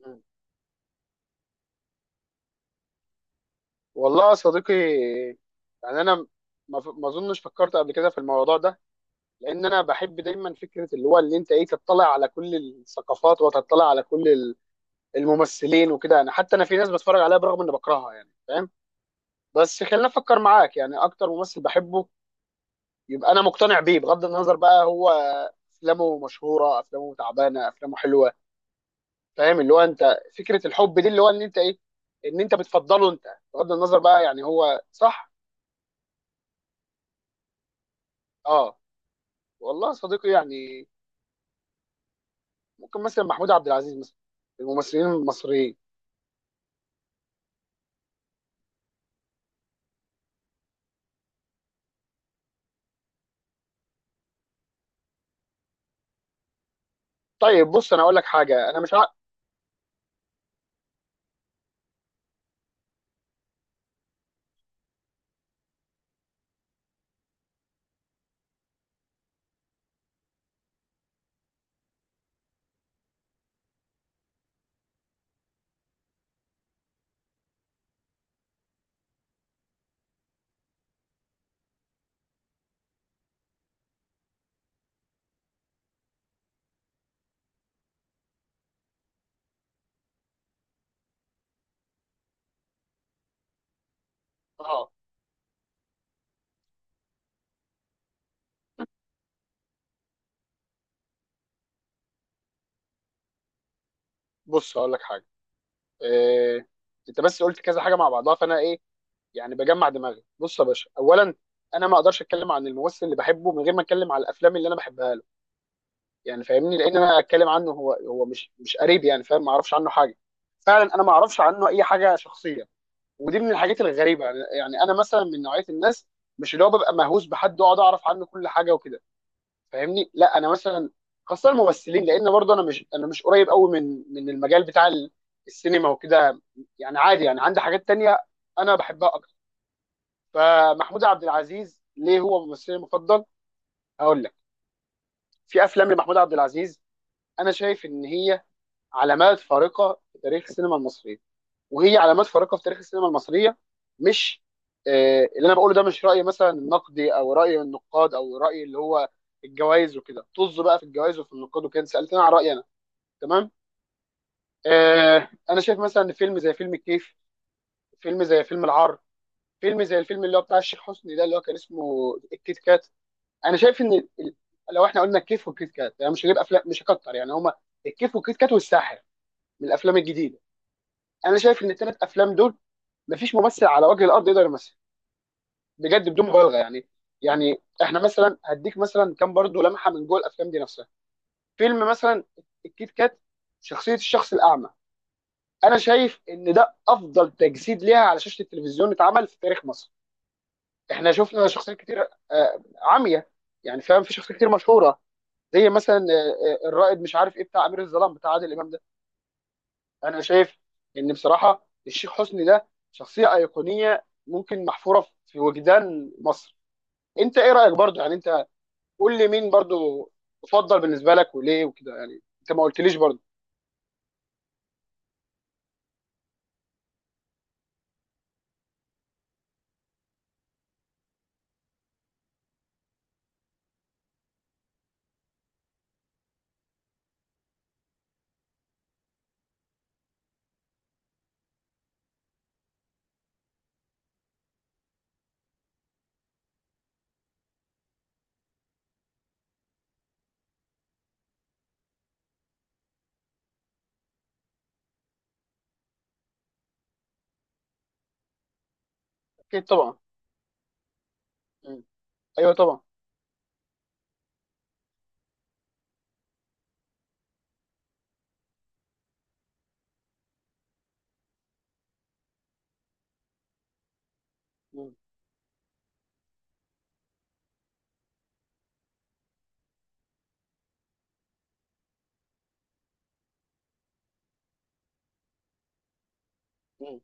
مم. والله يا صديقي، يعني انا ما اظنش فكرت قبل كده في الموضوع ده، لان انا بحب دايما فكره اللي هو اللي انت ايه تطلع على كل الثقافات وتطلع على كل الممثلين وكده. انا حتى انا في ناس بتفرج عليها برغم اني بكرهها، يعني فاهم. بس خلينا افكر معاك يعني اكتر ممثل بحبه، يبقى انا مقتنع بيه بغض النظر بقى هو افلامه مشهوره، افلامه تعبانه، افلامه حلوه. فاهم اللي هو انت فكره الحب دي اللي هو ان انت ايه، ان انت بتفضله انت بغض النظر بقى، يعني هو صح. اه. والله يا صديقي، يعني ممكن مثلا محمود عبد العزيز، مثلا الممثلين المصريين. طيب بص انا اقول لك حاجه، انا مش عارف. اه. بص اقول لك حاجه. إيه... انت بس قلت كذا حاجه مع بعضها، فانا ايه يعني، بجمع دماغي. بص يا باشا، اولا انا ما اقدرش اتكلم عن الممثل اللي بحبه من غير ما اتكلم على الافلام اللي انا بحبها له. يعني فاهمني، لان انا اتكلم عنه هو مش قريب، يعني فاهم ما اعرفش عنه حاجه. فعلا انا ما اعرفش عنه اي حاجه شخصيه. ودي من الحاجات الغريبه، يعني انا مثلا من نوعيه الناس مش اللي هو ببقى مهووس بحد واقعد اعرف عنه كل حاجه وكده. فاهمني، لا انا مثلا خاصه الممثلين، لان برضه انا مش قريب قوي من المجال بتاع السينما وكده. يعني عادي، يعني عندي حاجات تانية انا بحبها اكتر. فمحمود عبد العزيز ليه هو ممثلي المفضل؟ هقول لك. في افلام لمحمود عبد العزيز انا شايف ان هي علامات فارقه في تاريخ السينما المصريه، وهي علامات فارقه في تاريخ السينما المصريه. مش اللي انا بقوله ده مش راي مثلا النقدي، او راي النقاد او راي اللي هو الجوائز وكده. طز بقى في الجوائز وفي النقاد وكده، سالتني عن رايي انا. تمام. انا شايف مثلا ان فيلم زي فيلم الكيف، فيلم زي فيلم العار، فيلم زي الفيلم اللي هو بتاع الشيخ حسني ده اللي هو كان اسمه الكيت كات. انا شايف ان ال- لو احنا قلنا الكيف والكيت كات، يعني مش هجيب افلام مش هكتر، يعني هما الكيف والكيت كات والساحر من الافلام الجديده. انا شايف ان الثلاث افلام دول مفيش ممثل على وجه الارض يقدر يمثل، بجد بدون مبالغه يعني. يعني احنا مثلا هديك مثلا كام برضو لمحه من جوه الافلام دي نفسها. فيلم مثلا الكيت كات، شخصيه الشخص الاعمى، انا شايف ان ده افضل تجسيد ليها على شاشه التلفزيون اتعمل في تاريخ مصر. احنا شفنا شخصيات كتير عمية، يعني فاهم، في شخصيات كتير مشهوره، زي مثلا الرائد مش عارف ايه بتاع امير الظلام بتاع عادل امام ده. انا شايف ان بصراحه الشيخ حسني ده شخصيه ايقونيه، ممكن محفوره في وجدان مصر. انت ايه رايك برضو يعني انت؟ قول لي مين برضو تفضل بالنسبه لك وليه وكده، يعني انت ما قلتليش برضو. اكيد طبعا. مم. ايوه طبعا. مم. مم.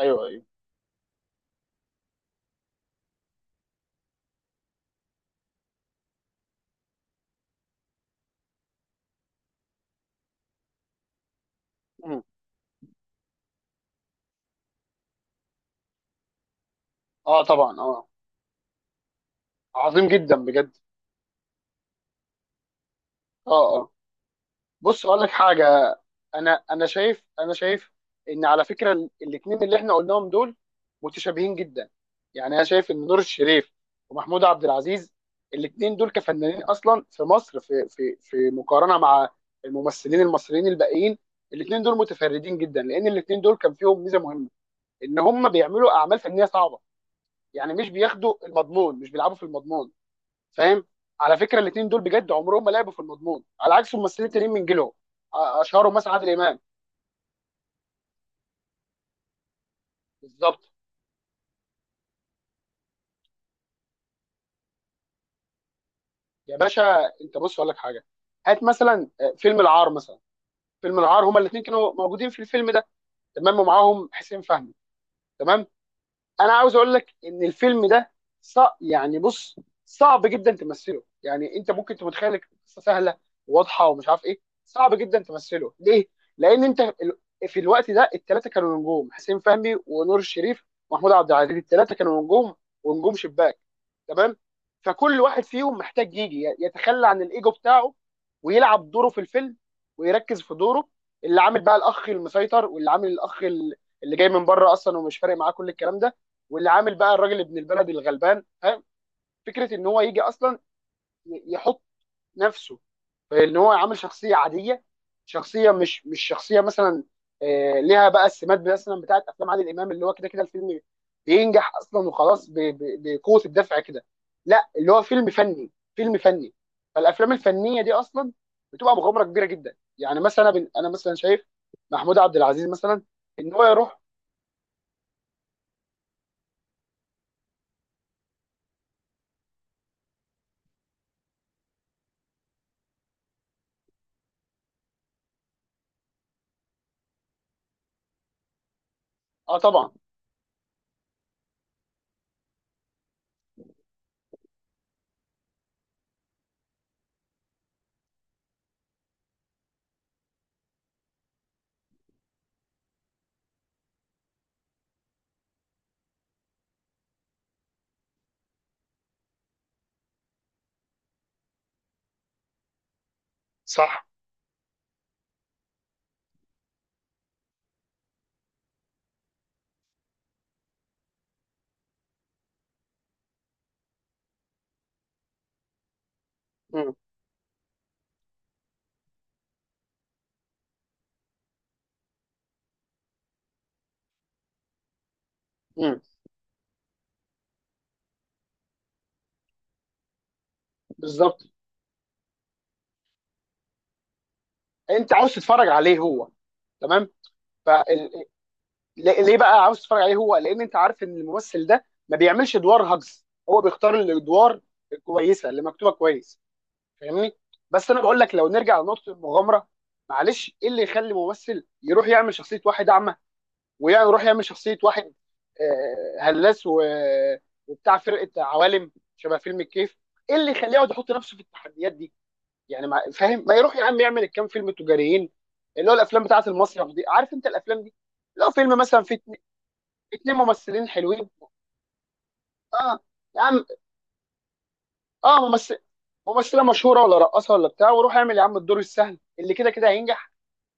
ايوه ايوه. مم. اه طبعا اه. عظيم جدا بجد. اه. آه. بص اقول لك حاجه، انا شايف، انا شايف ان على فكره الاتنين اللي احنا قلناهم دول متشابهين جدا. يعني انا شايف ان نور الشريف ومحمود عبد العزيز الاتنين دول كفنانين اصلا في مصر، في في مقارنه مع الممثلين المصريين الباقيين الاتنين دول متفردين جدا، لان الاتنين دول كان فيهم ميزه مهمه ان هم بيعملوا اعمال فنيه صعبه. يعني مش بياخدوا المضمون، مش بيلعبوا في المضمون، فاهم. على فكره الاثنين دول بجد عمرهم ما لعبوا في المضمون على عكس الممثلين التانيين من جيلهم، اشهرهم مثلا عادل امام. بالظبط يا باشا. انت بص اقول لك حاجه، هات مثلا فيلم العار مثلا. فيلم العار هما الاثنين كانوا موجودين في الفيلم ده، تمام، ومعاهم حسين فهمي، تمام. انا عاوز اقول لك ان الفيلم ده يعني بص صعب جدا تمثله. يعني انت ممكن تتخيل القصه سهله واضحه ومش عارف ايه، صعب جدا تمثله ليه؟ لان انت في الوقت ده الثلاثه كانوا نجوم، حسين فهمي ونور الشريف ومحمود عبد العزيز، الثلاثه كانوا نجوم ونجوم شباك، تمام. فكل واحد فيهم محتاج يجي يتخلى عن الايجو بتاعه ويلعب دوره في الفيلم، ويركز في دوره. اللي عامل بقى الاخ المسيطر، واللي عامل الاخ اللي جاي من بره اصلا ومش فارق معاه كل الكلام ده، واللي عامل بقى الراجل ابن البلد الغلبان، فاهم. فكره ان هو يجي اصلا يحط نفسه، فان هو عامل شخصيه عاديه، شخصيه مش شخصيه مثلا ليها بقى السمات مثلا بتاعت افلام عادل امام اللي هو كده كده الفيلم بينجح اصلا وخلاص، بقوه الدفع كده. لا اللي هو فيلم فني، فيلم فني. فالافلام الفنيه دي اصلا بتبقى مغامره كبيره جدا، يعني مثلا انا مثلا شايف محمود عبد العزيز مثلا ان هو يروح. اه طبعا. صح. امم. بالظبط. انت عاوز تتفرج عليه هو. تمام. ليه ليه بقى عاوز تتفرج عليه هو؟ لان انت عارف ان الممثل ده ما بيعملش ادوار هجز، هو بيختار الادوار الكويسه اللي مكتوبه كويس، فاهمني. بس انا بقول لك لو نرجع لنقطه المغامره، معلش ايه اللي يخلي ممثل يروح يعمل شخصيه واحد اعمى، ويروح يعمل شخصيه واحد هلاس وبتاع فرقه عوالم شبه فيلم الكيف؟ ايه اللي يخليه يقعد يحط نفسه في التحديات دي؟ يعني ما فاهم، ما يروح يا عم يعمل الكام فيلم تجاريين اللي هو الافلام بتاعه المسرح دي، عارف انت الافلام دي. لو فيلم مثلا فيه اتنين ممثلين حلوين، اه يا عم اه، ممثل ممثله مشهوره ولا رقاصه ولا بتاع، وروح اعمل يا عم الدور السهل اللي كده كده هينجح.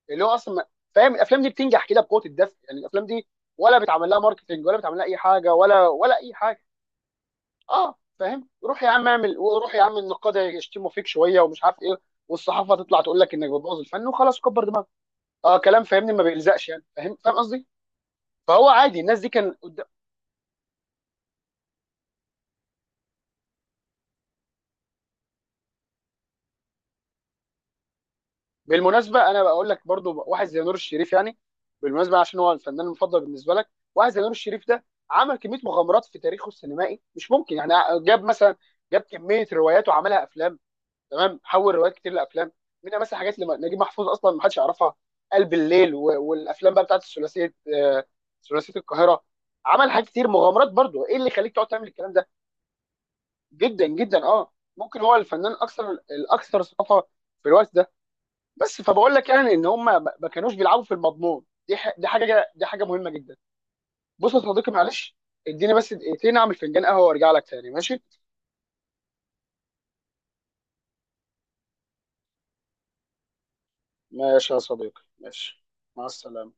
اللي هو اصلا فاهم الافلام دي بتنجح كده بقوه الدفع، يعني الافلام دي ولا بيتعمل لها ماركتنج ولا بيتعمل لها اي حاجه ولا اي حاجه. اه فاهم، روح يا عم اعمل وروح يا عم النقاد يشتموا فيك شويه ومش عارف ايه، والصحافه تطلع تقول لك انك بتبوظ الفن وخلاص كبر دماغك. اه كلام فاهمني ما بيلزقش، يعني فاهم قصدي. فهو عادي الناس دي كان. بالمناسبه انا بقول لك برضو واحد زي نور الشريف يعني، بالمناسبه عشان هو الفنان المفضل بالنسبه لك، واحد زي نور الشريف ده عمل كميه مغامرات في تاريخه السينمائي مش ممكن يعني. جاب مثلا جاب كميه روايات وعملها افلام، تمام، حول روايات كتير لافلام، منها مثلا حاجات لنجيب محفوظ اصلا ما حدش يعرفها، قلب الليل والافلام بقى بتاعت الثلاثيه، ثلاثيه القاهره. عمل حاجات كتير مغامرات برضو، ايه اللي يخليك تقعد تعمل الكلام ده. جدا جدا اه، ممكن هو الفنان الاكثر ثقافه في الوقت ده. بس فبقول لك يعني ان هم ما كانوش بيلعبوا في المضمون، دي دي حاجه، دي حاجه مهمه جدا. بص يا صديقي معلش، اديني بس دقيقتين اعمل فنجان قهوه وارجع لك تاني، ماشي. ماشي يا صديقي ماشي. مع السلامه.